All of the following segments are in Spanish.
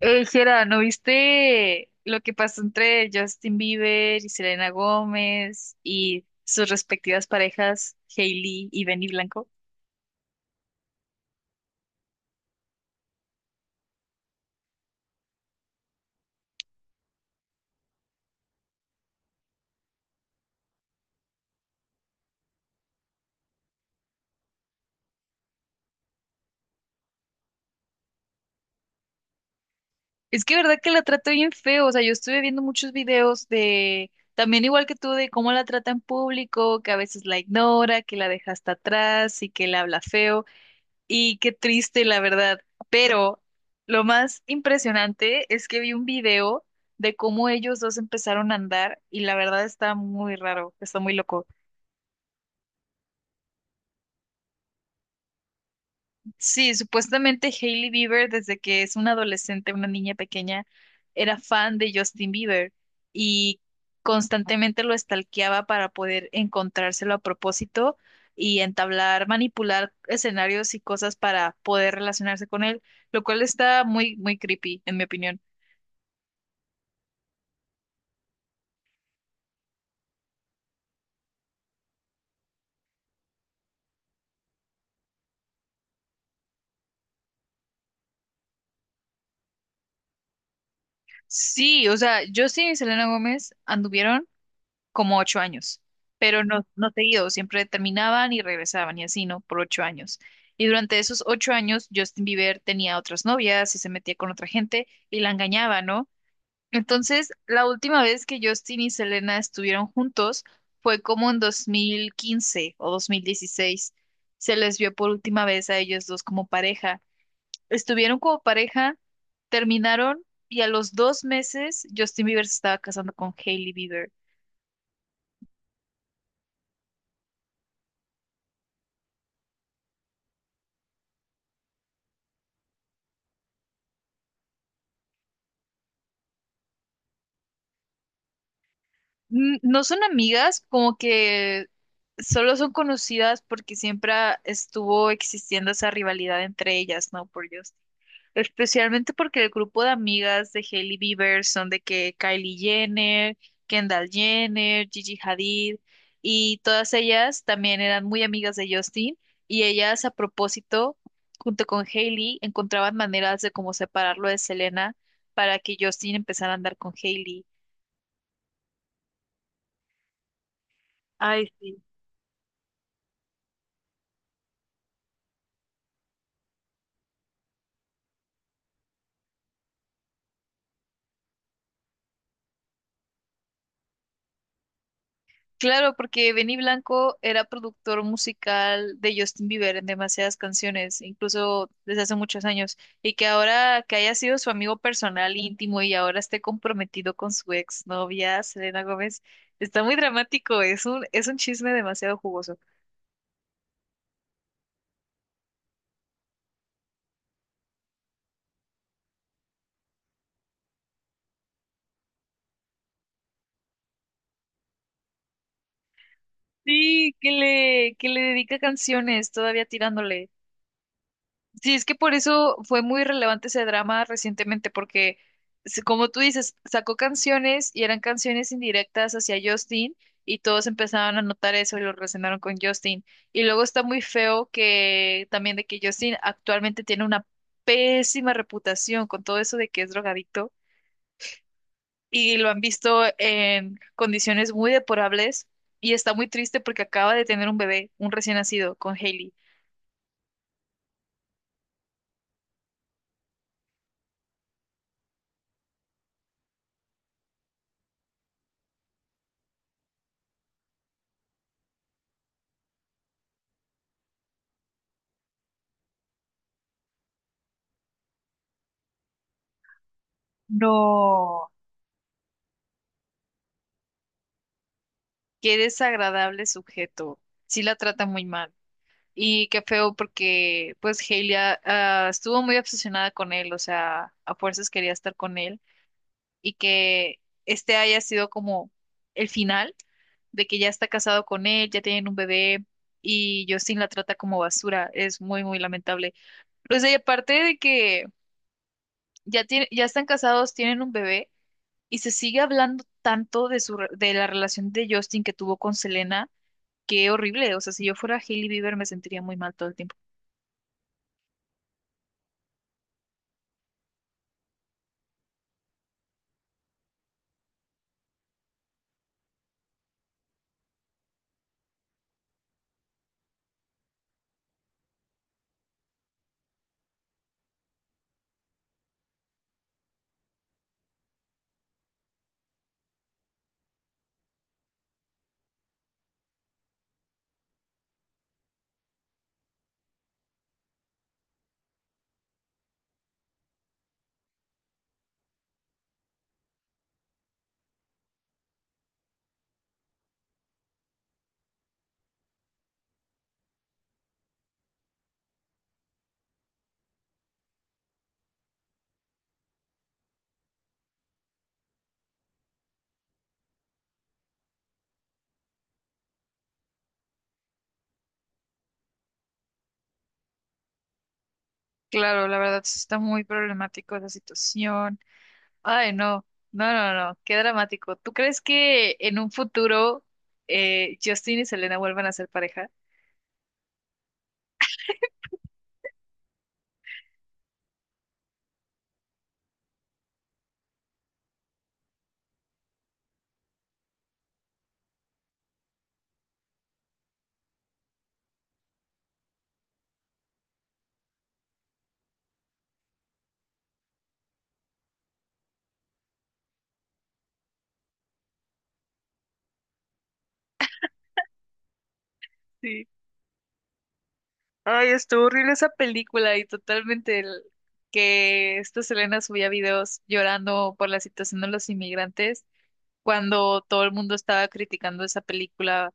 Ey, Jera, ¿no viste lo que pasó entre Justin Bieber y Selena Gómez y sus respectivas parejas, Hailey y Benny Blanco? Es que verdad que la trata bien feo, o sea, yo estuve viendo muchos videos de, también igual que tú, de cómo la trata en público, que a veces la ignora, que la deja hasta atrás y que le habla feo. Y qué triste, la verdad. Pero lo más impresionante es que vi un video de cómo ellos dos empezaron a andar y la verdad está muy raro, está muy loco. Sí, supuestamente Hailey Bieber, desde que es una adolescente, una niña pequeña, era fan de Justin Bieber y constantemente lo stalkeaba para poder encontrárselo a propósito y entablar, manipular escenarios y cosas para poder relacionarse con él, lo cual está muy, muy creepy, en mi opinión. Sí, o sea, Justin y Selena Gómez anduvieron como 8 años, pero no, no seguido, siempre terminaban y regresaban y así, ¿no? Por 8 años. Y durante esos 8 años, Justin Bieber tenía otras novias y se metía con otra gente y la engañaba, ¿no? Entonces, la última vez que Justin y Selena estuvieron juntos fue como en 2015 o 2016. Se les vio por última vez a ellos dos como pareja. Estuvieron como pareja, terminaron y a los 2 meses Justin Bieber se estaba casando con Hailey Bieber. Mm, no son amigas, como que solo son conocidas porque siempre estuvo existiendo esa rivalidad entre ellas, ¿no? Por Dios. Especialmente porque el grupo de amigas de Hailey Bieber son de que Kylie Jenner, Kendall Jenner, Gigi Hadid, y todas ellas también eran muy amigas de Justin, y ellas a propósito, junto con Hailey, encontraban maneras de cómo separarlo de Selena para que Justin empezara a andar con Hailey. Ay, sí. Claro, porque Benny Blanco era productor musical de Justin Bieber en demasiadas canciones, incluso desde hace muchos años, y que ahora que haya sido su amigo personal íntimo y ahora esté comprometido con su ex novia, Selena Gómez, está muy dramático, es un chisme demasiado jugoso. Sí, que le dedica canciones todavía tirándole. Sí, es que por eso fue muy relevante ese drama recientemente, porque como tú dices, sacó canciones y eran canciones indirectas hacia Justin y todos empezaron a notar eso y lo relacionaron con Justin. Y luego está muy feo que también de que Justin actualmente tiene una pésima reputación con todo eso de que es drogadicto y lo han visto en condiciones muy deplorables y está muy triste porque acaba de tener un bebé, un recién nacido, con Hailey. No. Qué desagradable sujeto. Sí la trata muy mal. Y qué feo porque pues Hailey estuvo muy obsesionada con él, o sea, a fuerzas quería estar con él y que este haya sido como el final de que ya está casado con él, ya tienen un bebé y Justin la trata como basura. Es muy, muy lamentable. Pues y aparte de que ya tiene, ya están casados, tienen un bebé y se sigue hablando tanto de la relación de Justin que tuvo con Selena. Qué horrible. O sea, si yo fuera Hailey Bieber me sentiría muy mal todo el tiempo. Claro, la verdad sí está muy problemático esa situación. Ay, no. No, no, no. Qué dramático. ¿Tú crees que en un futuro Justin y Selena vuelvan a ser pareja? Sí. Ay, estuvo horrible esa película y totalmente que esta Selena subía videos llorando por la situación de los inmigrantes cuando todo el mundo estaba criticando esa película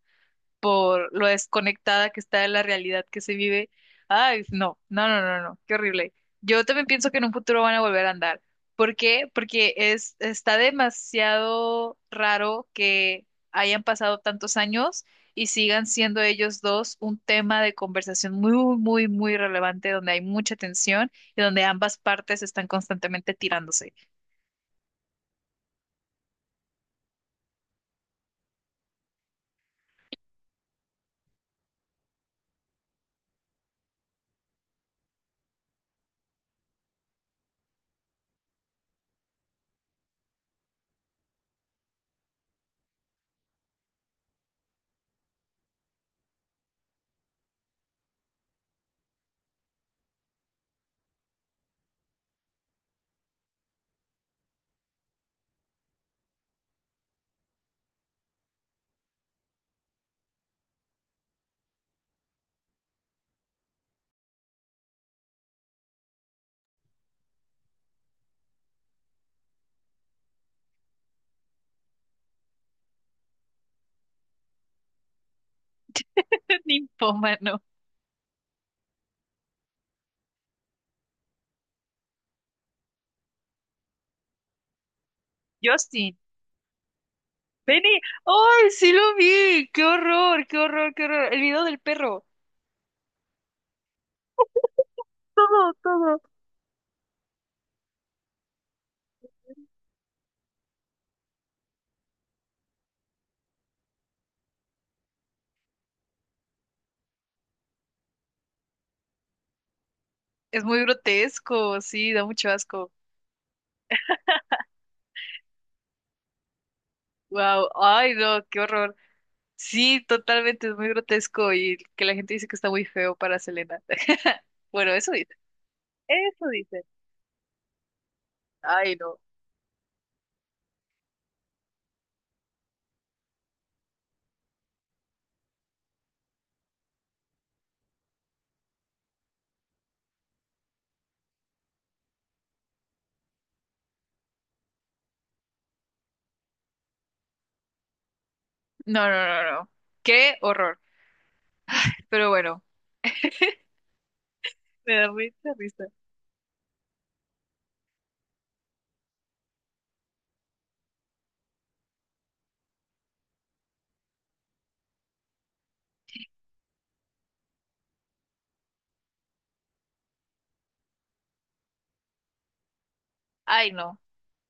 por lo desconectada que está de la realidad que se vive. Ay, no, no, no, no, no, qué horrible. Yo también pienso que en un futuro van a volver a andar. ¿Por qué? Porque es, está demasiado raro que hayan pasado tantos años y sigan siendo ellos dos un tema de conversación muy, muy, muy relevante donde hay mucha tensión y donde ambas partes están constantemente tirándose. Ninfómano. Yo sí, Benny, ¡ay, sí lo vi! ¡Qué horror, qué horror, qué horror! El video del perro. Todo, todo. Es muy grotesco, sí, da mucho asco. Wow, ay, no, qué horror. Sí, totalmente, es muy grotesco y que la gente dice que está muy feo para Selena. Bueno, eso dice. Eso dice. Ay, no. No, no, no, no. Qué horror. Pero bueno, me da mucha risa. Ay, no.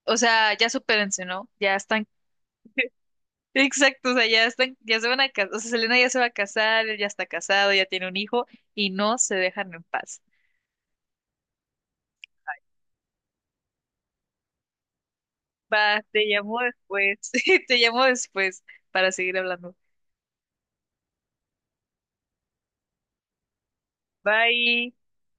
O sea, ya supérense, ¿no? Ya están. Exacto, o sea, ya están, ya se van a casar, o sea, Selena ya se va a casar, él ya está casado, ya tiene un hijo y no se dejan en paz. Va, te llamo después, te llamo después para seguir hablando. Bye.